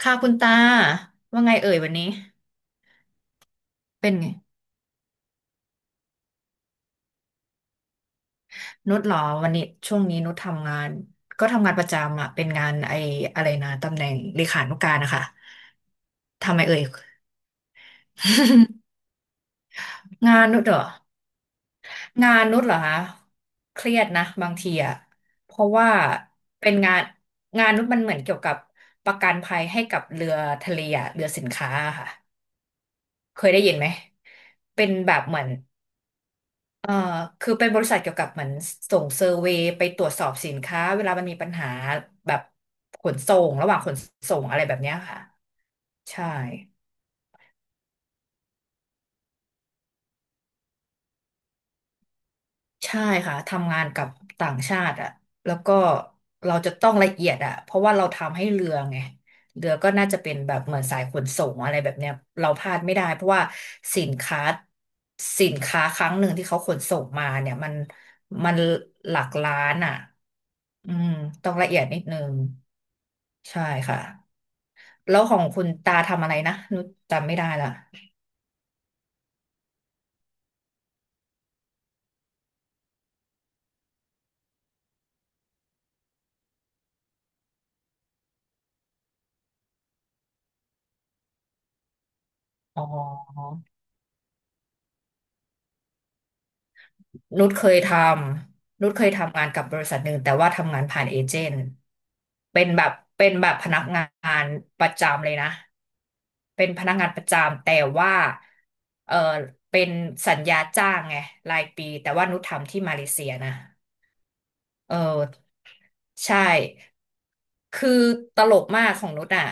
ค่ะคุณตาว่าไงเอ่ยวันนี้เป็นไงนุชเหรอวันนี้ช่วงนี้นุชทำงานก็ทำงานประจำอ่ะเป็นงานไอ้อะไรนะตำแหน่งเลขานุการนะคะทำไมเอ่ย งานนุชเหรองานนุชเหรอคะเครียดนะบางทีอ่ะเพราะว่าเป็นงานงานนุชมันเหมือนเกี่ยวกับประกันภัยให้กับเรือทะเลอะเรือสินค้าอะค่ะเคยได้ยินไหมเป็นแบบเหมือน เอ่อคือเป็นบริษัทเกี่ยวกับเหมือนส่งเซอร์เวย์ไปตรวจสอบสินค้าเวลามันมีปัญหาแบบขนส่งระหว่างขนส่งอะไรแบบเนี้ยค่ะใช่ใช่ค่ะทำงานกับต่างชาติอ่ะแล้วก็เราจะต้องละเอียดอ่ะเพราะว่าเราทำให้เรือไงเรือก็น่าจะเป็นแบบเหมือนสายขนส่งอะไรแบบเนี้ยเราพลาดไม่ได้เพราะว่าสินค้าสินค้าครั้งหนึ่งที่เขาขนส่งมาเนี่ยมันมันหลักล้านอ่ะอืมต้องละเอียดนิดนึง ใช่ค่ะแล้วของคุณตาทำอะไรนะนุชจำไม่ได้ละอ๋อนุชเคยทำนุชเคยทำงานกับบริษัทหนึ่งแต่ว่าทำงานผ่านเอเจนต์เป็นแบบเป็นแบบพนักงานประจำเลยนะเป็นพนักงานประจำแต่ว่าเออเป็นสัญญาจ้างไงรายปีแต่ว่านุชทำที่มาเลเซียนะเออ ใช่คือตลกมากของนุชอ่ะ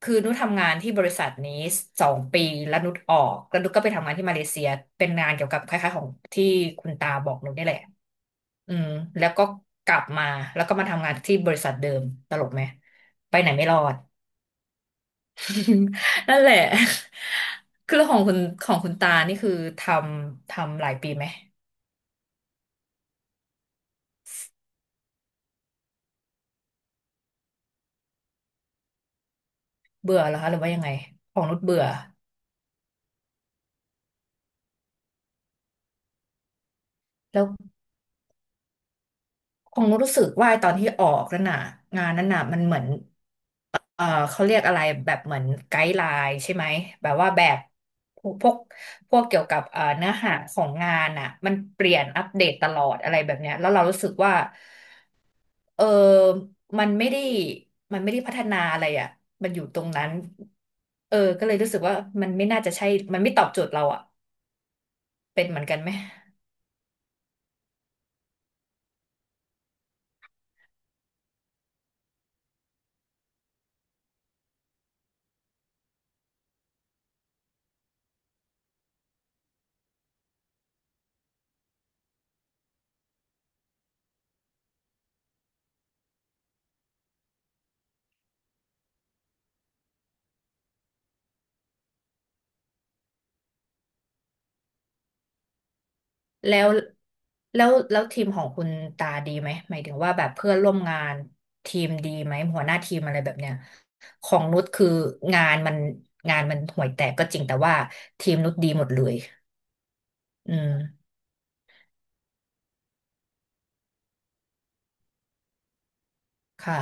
คือนุชทำงานที่บริษัทนี้2 ปีแล้วนุชออกแล้วนุชก็ไปทำงานที่มาเลเซียเป็นงานเกี่ยวกับคล้ายๆของที่คุณตาบอกนุชนี่แหละอืมแล้วก็กลับมาแล้วก็มาทำงานที่บริษัทเดิมตลกไหมไปไหนไม่รอด นั่นแหละคือของคุณของคุณตานี่คือทำทำหลายปีไหมเบื่อแล้วคะหรือว่ายังไงของนุชเบื่อแล้ว คงรู้สึกว่าตอนที่ออกนั่นน่ะงานนั้นน่ะมันเหมือนเอ่อเขาเรียกอะไรแบบเหมือนไกด์ไลน์ใช่ไหมแบบว่าแบบพวกพวกเกี่ยวกับเนื้อหาของงานอ่ะมันเปลี่ยนอัปเดตตลอดอะไรแบบเนี้ยแล้วเรารู้สึกว่าเออมันไม่ได้มันไม่ได้พัฒนาอะไรอ่ะมันอยู่ตรงนั้นเออก็เลยรู้สึกว่ามันไม่น่าจะใช่มันไม่ตอบโจทย์เราอ่ะเป็นเหมือนกันไหม แล้วแล้วแล้วทีมของคุณตาดีไหมหมายถึงว่าแบบเพื่อนร่วมงานทีมดีไหมหัวหน้าทีมอะไรแบบเนี้ยของนุชคืองานมันงานมันห่วยแตกก็จริงแต่ว่าทีมนุชดีหมดเลยอืมค่ะ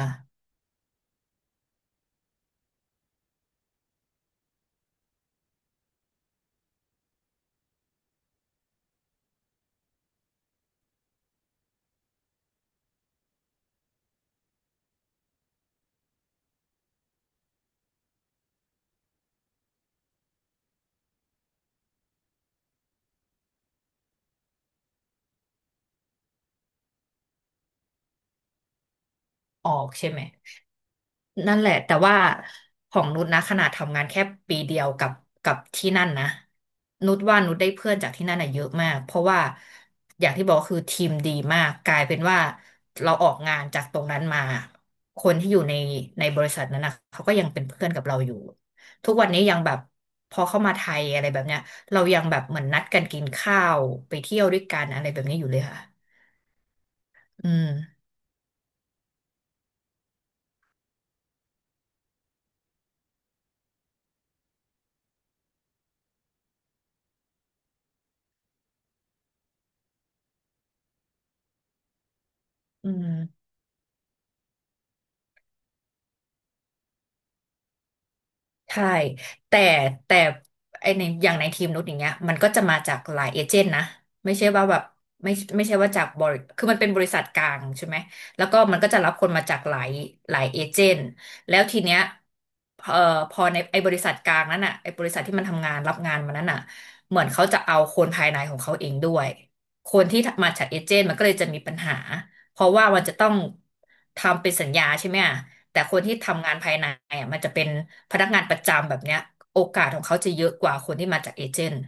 ออกใช่ไหม นั่นแหละแต่ว่าของนุชนะขนาดทำงานแค่ปีเดียวกับกับที่นั่นนะนุชว่านุชได้เพื่อนจากที่นั่นอะเยอะมากเพราะว่าอย่างที่บอกคือทีมดีมากกลายเป็นว่าเราออกงานจากตรงนั้นมาคนที่อยู่ในในบริษัทนั้นนะเขาก็ยังเป็นเพื่อนกับเราอยู่ทุกวันนี้ยังแบบพอเข้ามาไทยอะไรแบบเนี้ยเรายังแบบเหมือนนัดกันกินข้าวไปเที่ยวด้วยกันอะไรแบบนี้อยู่เลยค่ะอืมอืม ใช่แต่แต่ไอในอย่างในทีมนุชอย่างเงี้ยมันก็จะมาจากหลายเอเจนต์นะไม่ใช่ว่าแบบไม่ไม่ใช่ว่าจากบริคือมันเป็นบริษัทกลางใช่ไหมแล้วก็มันก็จะรับคนมาจากหลายหลายเอเจนต์แล้วทีเนี้ยเอ่อพอในไอบริษัทกลางนั้นอ่ะไอบริษัทที่มันทำงานรับงานมานั้นอ่ะเหมือนเขาจะเอาคนภายในของเขาเองด้วยคนที่มาจากเอเจนต์มันก็เลยจะมีปัญหาเพราะว่ามันจะต้องทำเป็นสัญญาใช่ไหมอะ แต่คนที่ทำงานภายในอ่ะมันจะเป็นพนักงานประจำแบบเนี้ยโอกาสของเขาจะเยอะกว่าคนที่มาจากเอเจนต์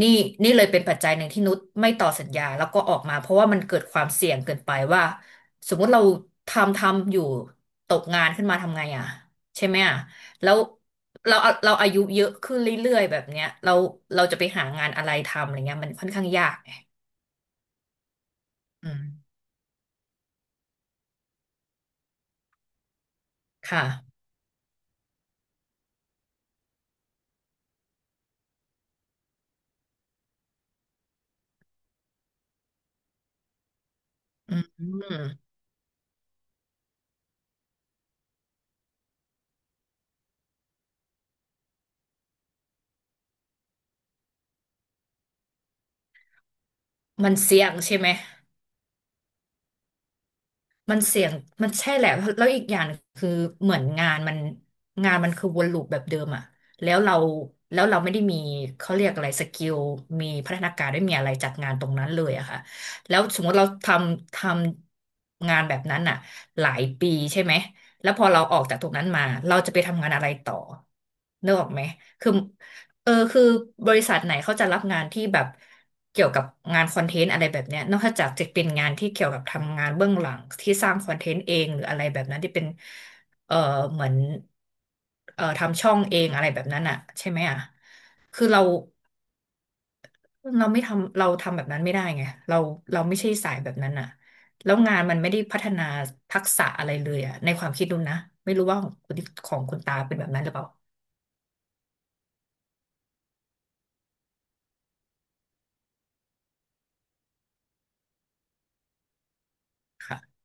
นี่นี่เลยเป็นปัจจัยหนึ่งที่นุชไม่ต่อสัญญาแล้วก็ออกมาเพราะว่ามันเกิดความเสี่ยงเกินไปว่าสมมุติเราทำทำอยู่ตกงานขึ้นมาทำไงอ่ะใช่ไหมอ่ะแล้วเราเราอายุเยอะขึ้นเรื่อยๆแบบเนี้ยเราเราจะไปหางานอะไรทำอะไรเงี้ยมันค่อนข้างยากไงอืมค่ะอืมมันเสี่ยงใช่ไหม มันเสี่ยงมันใช่แหละแล้วอีกอย่างคือเหมือนงานมันงานมันคือวนลูปแบบเดิมอะแล้วเราแล้วเราไม่ได้มีเขาเรียกอะไรสกิลมีพัฒนาการไม่มีอะไรจากงานตรงนั้นเลยอะค่ะแล้วสมมติเราทำทำงานแบบนั้นอะหลายปีใช่ไหมแล้วพอเราออกจากตรงนั้นมาเราจะไปทำงานอะไรต่อนึกออกไหมคือ คือบริษัทไหนเขาจะรับงานที่แบบเกี่ยวกับงานคอนเทนต์อะไรแบบเนี้ยนอกจากจะเป็นงานที่เกี่ยวกับทำงานเบื้องหลังที่สร้างคอนเทนต์เองหรืออะไรแบบนั้นที่เป็นเออเหมือนทำช่องเองอะไรแบบนั้นอ่ะใช่ไหมอ่ะคือเราไม่ทำเราทำแบบนั้นไม่ได้ไงเราไม่ใช่สายแบบนั้นอ่ะแล้วงานมันไม่ได้พัฒนาทักษะอะไรเลยอ่ะในความคิดดูนะไม่รู้ว่าของคุณของคุณตาเป็นแบบนั้นหรือเปล่าค่ะ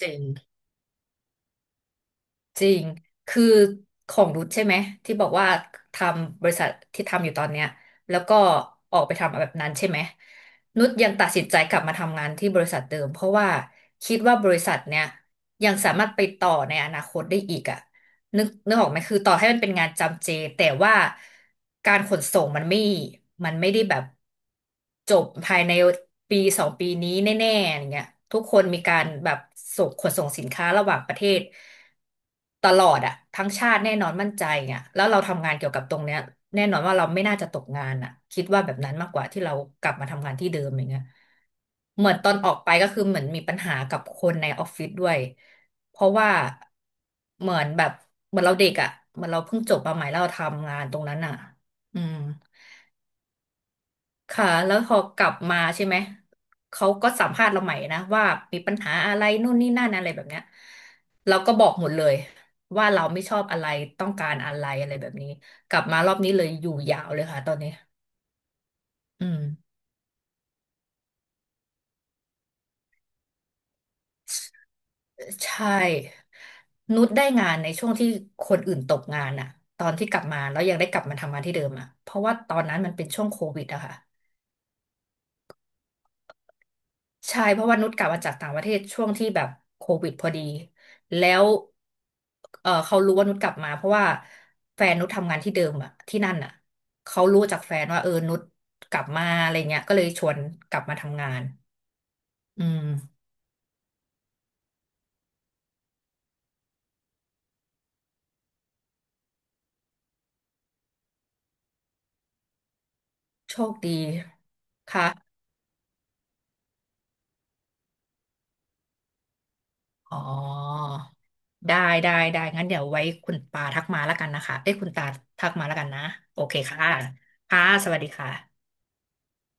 เจน จริง คือของรุทใช่ไหมที่บอกว่าทำบริษัทที่ทำอยู่ตอนเนี้ยแล้วก็ออกไปทำแบบนั้นใช่ไหมนุชยังตัดสินใจกลับมาทำงานที่บริษัทเดิมเพราะว่าคิดว่าบริษัทเนี้ยยังสามารถไปต่อในอนาคตได้อีกอ่ะ นึกออกไหมคือต่อให้มันเป็นงานจำเจแต่ว่าการขนส่งมันไม่มันไม่ได้แบบจบภายในปีสองปีนี้แน่ๆอย่างเงี้ยทุกคนมีการแบบส่งขนส่งสินค้าระหว่างประเทศตลอดอะทั้งชาติแน่นอนมั่นใจอ่ะแล้วเราทำงานเกี่ยวกับตรงเนี้ยแน่นอนว่าเราไม่น่าจะตกงานอะคิดว่าแบบนั้นมากกว่าที่เรากลับมาทำงานที่เดิมอย่างเงี้ย เหมือนตอนออกไปก็คือเหมือนมีปัญหากับคนในออฟฟิศด้วยเพราะว่าเหมือนแบบเหมือนเราเด็กอ่ะเหมือนเราเพิ่งจบมาใหม่แล้วเราทำงานตรงนั้นอ่ะอืมค่ะแล้วพอกลับมาใช่ไหมเขาก็สัมภาษณ์เราใหม่นะว่ามีปัญหาอะไรนู่นนี่นั่นอะไรแบบเนี้ยเราก็บอกหมดเลยว่าเราไม่ชอบอะไรต้องการอะไรอะไรแบบนี้กลับมารอบนี้เลยอยู่ยาวเลยค่ะตอนนี้อืม ใช่นุชได้งานในช่วงที่คนอื่นตกงานอะตอนที่กลับมาแล้วยังได้กลับมาทำงานที่เดิมอะเพราะว่าตอนนั้นมันเป็นช่วงโควิดอะค่ะใช่เพราะว่านุชกลับมาจากต่างประเทศช่วงที่แบบโควิดพอดีแล้วเขารู้ว่านุชกลับมาเพราะว่าแฟนนุชทำงานที่เดิมอะที่นั่นอะเขารู้จากแฟนว่านุชกลับมาอะไรเงี้ยก็เลยชวนกลับมาทำงานอืมโชคดี ค่ะ อ๋อได้ได้งั้นเดี๋ยวไว้คุณปาทักมาแล้วกันนะคะเอ้ยคุณตาทักมาแล้วกันนะโอเคค่ะค่ะสวัสดีค่ะ